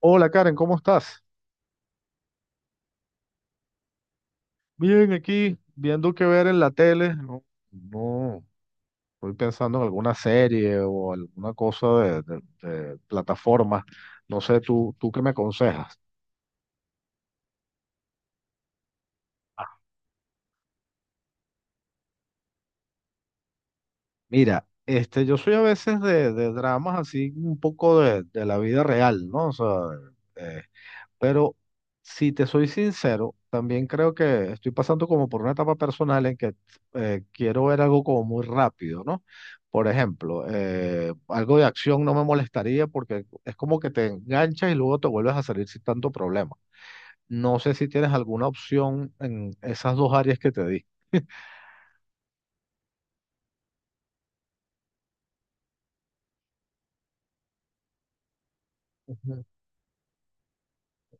Hola Karen, ¿cómo estás? Bien, aquí viendo qué ver en la tele. No, no, estoy pensando en alguna serie o alguna cosa de plataforma. No sé, ¿tú qué me aconsejas? Mira, este, yo soy a veces de dramas así un poco de la vida real, ¿no? O sea, eh, pero si te soy sincero, también creo que estoy pasando como por una etapa personal en que quiero ver algo como muy rápido, ¿no? Por ejemplo, algo de acción no me molestaría porque es como que te enganchas y luego te vuelves a salir sin tanto problema. No sé si tienes alguna opción en esas dos áreas que te di. Ujú,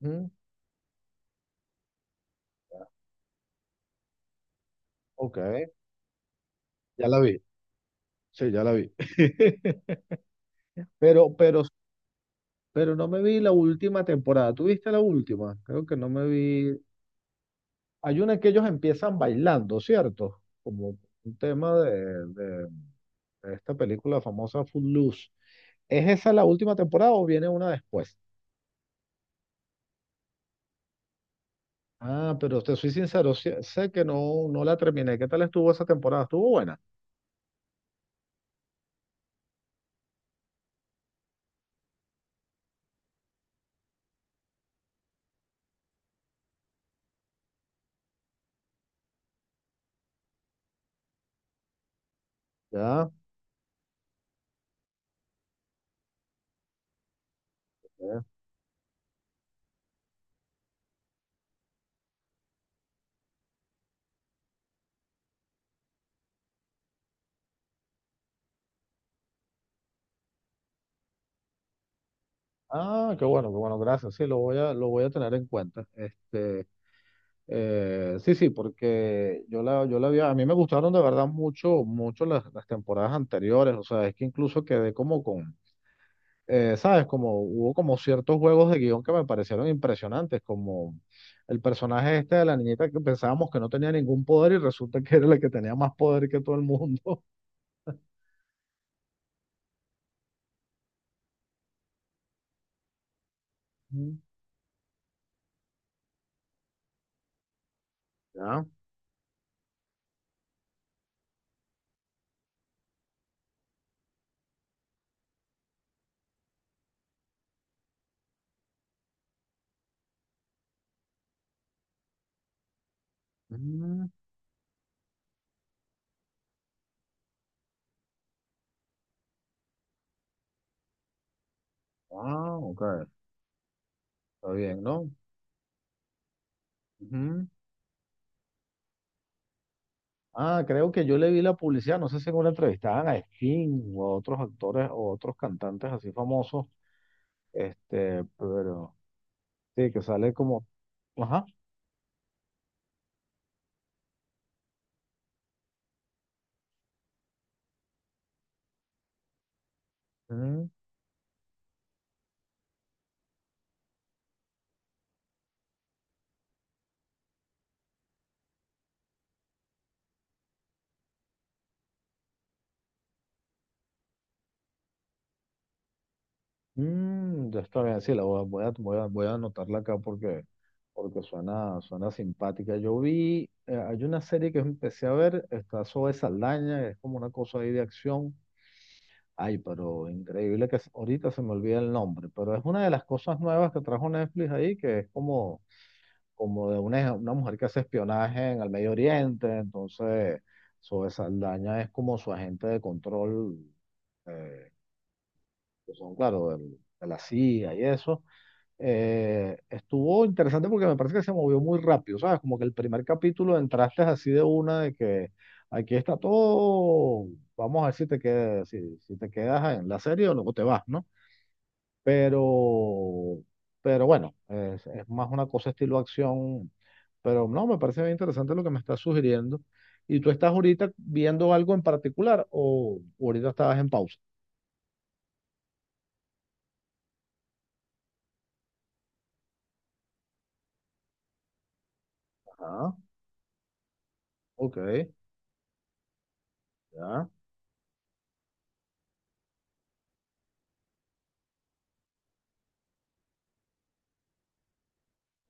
ujú. Ok, ya la vi. Sí, ya la vi. Pero, pero, pero no me vi la última temporada. ¿Tuviste la última? Creo que no me vi. Hay una en que ellos empiezan bailando, ¿cierto? Como un tema de esta película famosa Footloose. ¿Es esa la última temporada o viene una después? Ah, pero te soy sincero, sé que no, no la terminé. ¿Qué tal estuvo esa temporada? ¿Estuvo buena? Ya. Ya. Ah, qué bueno, gracias. Sí, lo voy a tener en cuenta. Este, sí, sí, porque yo la vi, a mí me gustaron de verdad mucho, mucho las temporadas anteriores. O sea, es que incluso quedé como con ¿sabes? Como hubo como ciertos juegos de guión que me parecieron impresionantes, como el personaje este de la niñita que pensábamos que no tenía ningún poder y resulta que era la que tenía más poder que todo el mundo. Mm, ¿ya? Mm, ah, ok. Está bien, ¿no? Ujú. Ah, creo que yo le vi la publicidad, no sé si en una entrevistaban a Sting o a otros actores o a otros cantantes así famosos, este, pero sí, que sale como, ajá. Mm, ya está bien, sí, la voy a, voy a, voy a- voy a anotarla acá porque suena simpática. Yo vi, hay una serie que empecé a ver, está Zoe Saldaña, es como una cosa ahí de acción. Ay, pero increíble que ahorita se me olvida el nombre, pero es una de las cosas nuevas que trajo Netflix ahí, que es como, como de una mujer que hace espionaje en el Medio Oriente, entonces Zoe Saldaña es como su agente de control, eh, que son, claro, de la CIA y eso. Estuvo interesante porque me parece que se movió muy rápido, ¿sabes? Como que el primer capítulo entraste así de una de que aquí está todo, vamos a ver si te quedas, si te quedas en la serie o luego te vas, ¿no? Pero, pero bueno, es más una cosa estilo acción, pero no, me parece bien interesante lo que me estás sugiriendo. ¿Y tú estás ahorita viendo algo en particular o ahorita estabas en pausa? Ajá, ok, ya,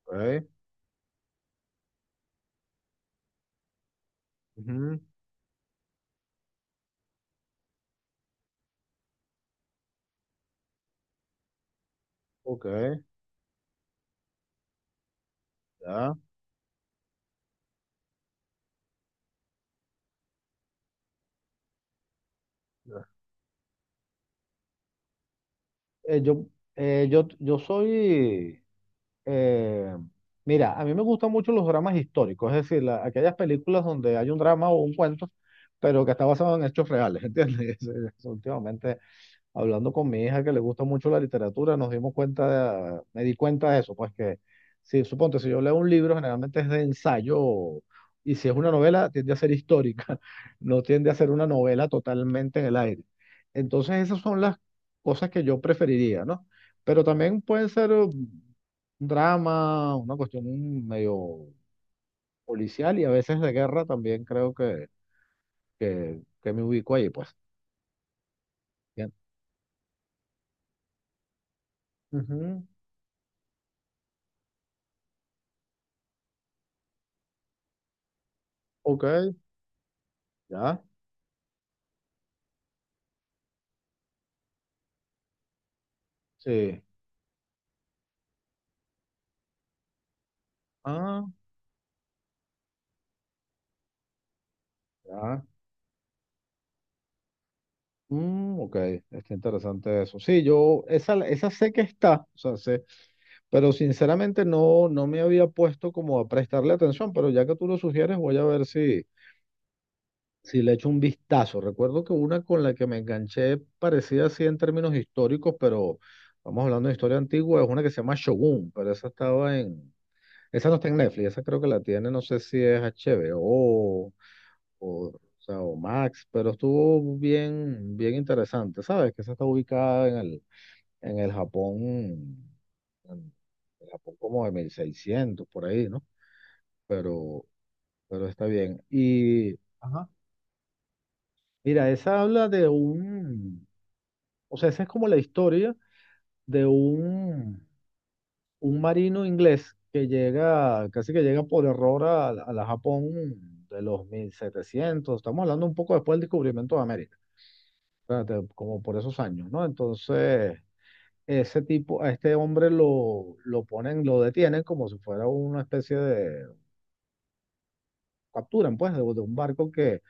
ok, ujú, ok, ya. eh, yo, eh, yo, yo soy, eh, Mira, a mí me gustan mucho los dramas históricos, es decir, aquellas películas donde hay un drama o un cuento, pero que está basado en hechos reales, ¿entiendes? Eso. Últimamente hablando con mi hija que le gusta mucho la literatura, nos dimos cuenta me di cuenta de eso, pues que si suponte, si yo leo un libro, generalmente es de ensayo, y si es una novela, tiende a ser histórica, no tiende a ser una novela totalmente en el aire. Entonces, esas son las cosas que yo preferiría, ¿no? Pero también pueden ser un drama, una cuestión medio policial y a veces de guerra también creo que me ubico ahí, pues. Bien. Ujú, ok, ya, sí. Ah, ya. Mm, ok, está interesante eso. Sí, yo esa sé que está, o sea, sé, pero sinceramente no, no me había puesto como a prestarle atención, pero ya que tú lo sugieres, voy a ver si le echo un vistazo. Recuerdo que una con la que me enganché parecía así en términos históricos, pero vamos hablando de historia antigua, es una que se llama Shogun, pero esa no está en Netflix, esa creo que la tiene, no sé si es HBO o sea, o Max, pero estuvo bien, bien interesante, ¿sabes? Que esa está ubicada en el Japón, en el Japón como de 1600 por ahí, ¿no? Pero, pero está bien. Y, ajá. Mira, esa habla o sea, esa es como la historia de un marino inglés que llega, casi que llega por error a la Japón de los 1700, estamos hablando un poco después del descubrimiento de América. Espérate, como por esos años, ¿no? Entonces, a este hombre lo ponen, lo detienen como si fuera una especie de, capturan pues, de un barco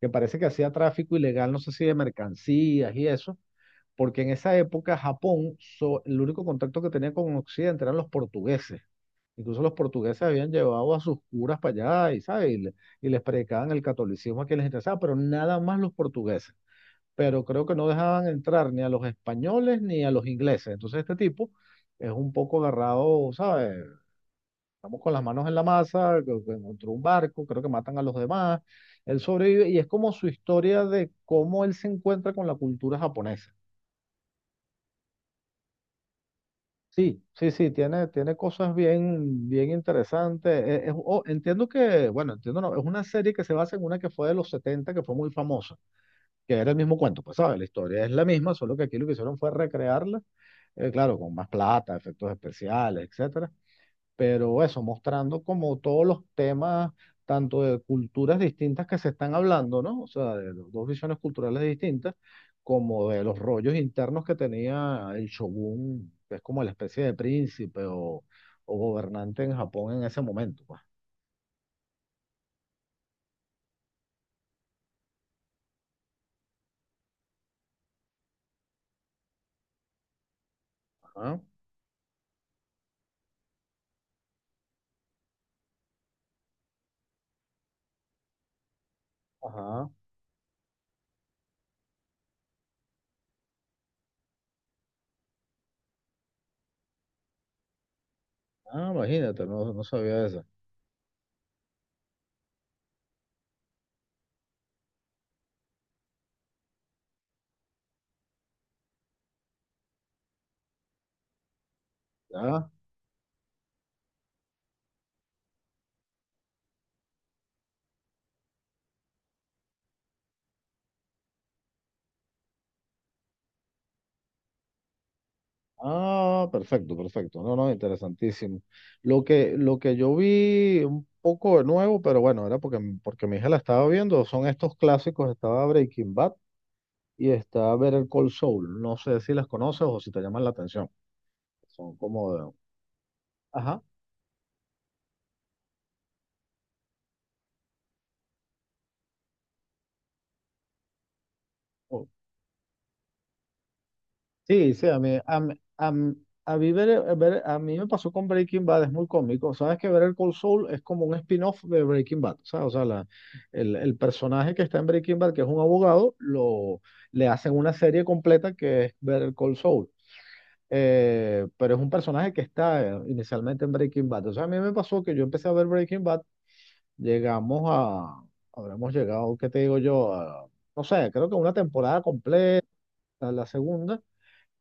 que parece que hacía tráfico ilegal, no sé si de mercancías y eso, porque en esa época Japón, el único contacto que tenía con Occidente eran los portugueses. Incluso los portugueses habían llevado a sus curas para allá y, ¿sabes? Y les predicaban el catolicismo a quien les interesaba, pero nada más los portugueses. Pero creo que no dejaban entrar ni a los españoles ni a los ingleses. Entonces este tipo es un poco agarrado, ¿sabes? Estamos con las manos en la masa, que encontró un barco, creo que matan a los demás, él sobrevive y es como su historia de cómo él se encuentra con la cultura japonesa. Sí, sí, sí, tiene cosas bien, bien interesantes. Oh, entiendo que, bueno, entiendo, no, es una serie que se basa en una que fue de los 70 que fue muy famosa, que era el mismo cuento, pues sabes, la historia es la misma, solo que aquí lo que hicieron fue recrearla, claro, con más plata, efectos especiales, etcétera, pero eso, mostrando como todos los temas, tanto de culturas distintas que se están hablando, ¿no? O sea, de los dos visiones culturales distintas, como de los rollos internos que tenía el shogun, que es como la especie de príncipe o gobernante en Japón en ese momento, pues. Ajá, ajá. Ah, imagínate, no, no sabía eso. Ah, perfecto, perfecto. No, no, interesantísimo. Lo que yo vi un poco de nuevo, pero bueno, era porque mi hija la estaba viendo, son estos clásicos, estaba Breaking Bad y está Better Call Saul. No sé si las conoces o si te llaman la atención. Son como de... Ajá. Sí, sí, a mí, a, mí- a, mí- a mí a mí me pasó con Breaking Bad, es muy cómico. Sabes que ver el Cold Soul es como un spin-off de Breaking Bad. ¿Sabes? O sea, el personaje que está en Breaking Bad, que es un abogado, lo, le hacen una serie completa que es ver el Cold Soul. Pero es un personaje que está inicialmente en Breaking Bad. O sea, a mí me pasó que yo empecé a ver Breaking Bad, llegamos a, habremos llegado, ¿qué te digo yo? No sé, creo que una temporada completa, la segunda.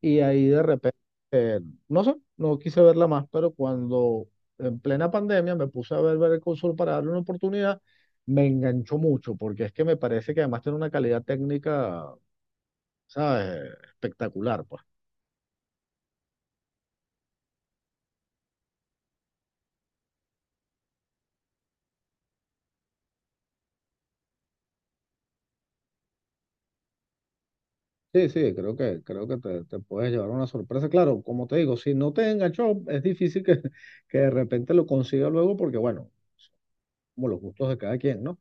Y ahí de repente, eh, no sé, no quise verla más, pero cuando en plena pandemia me puse a ver el Consul para darle una oportunidad, me enganchó mucho, porque es que me parece que además tiene una calidad técnica, ¿sabes? Espectacular, pues. Sí, sí, creo que te puedes llevar una sorpresa. Claro, como te digo, si no te enganchó, es difícil que, que de repente lo consiga luego, porque bueno, como los gustos de cada quien, ¿no?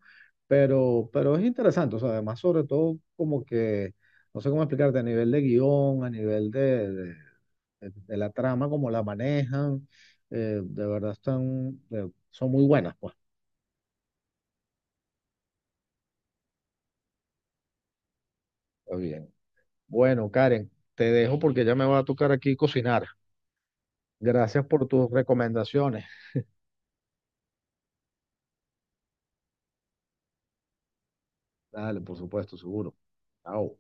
Pero es interesante, o sea, además sobre todo como que, no sé cómo explicarte, a nivel de guión, a nivel de la trama, como la manejan, de verdad están, son muy buenas, pues. Está bien. Bueno, Karen, te dejo porque ya me va a tocar aquí cocinar. Gracias por tus recomendaciones. Dale, por supuesto, seguro. Chao.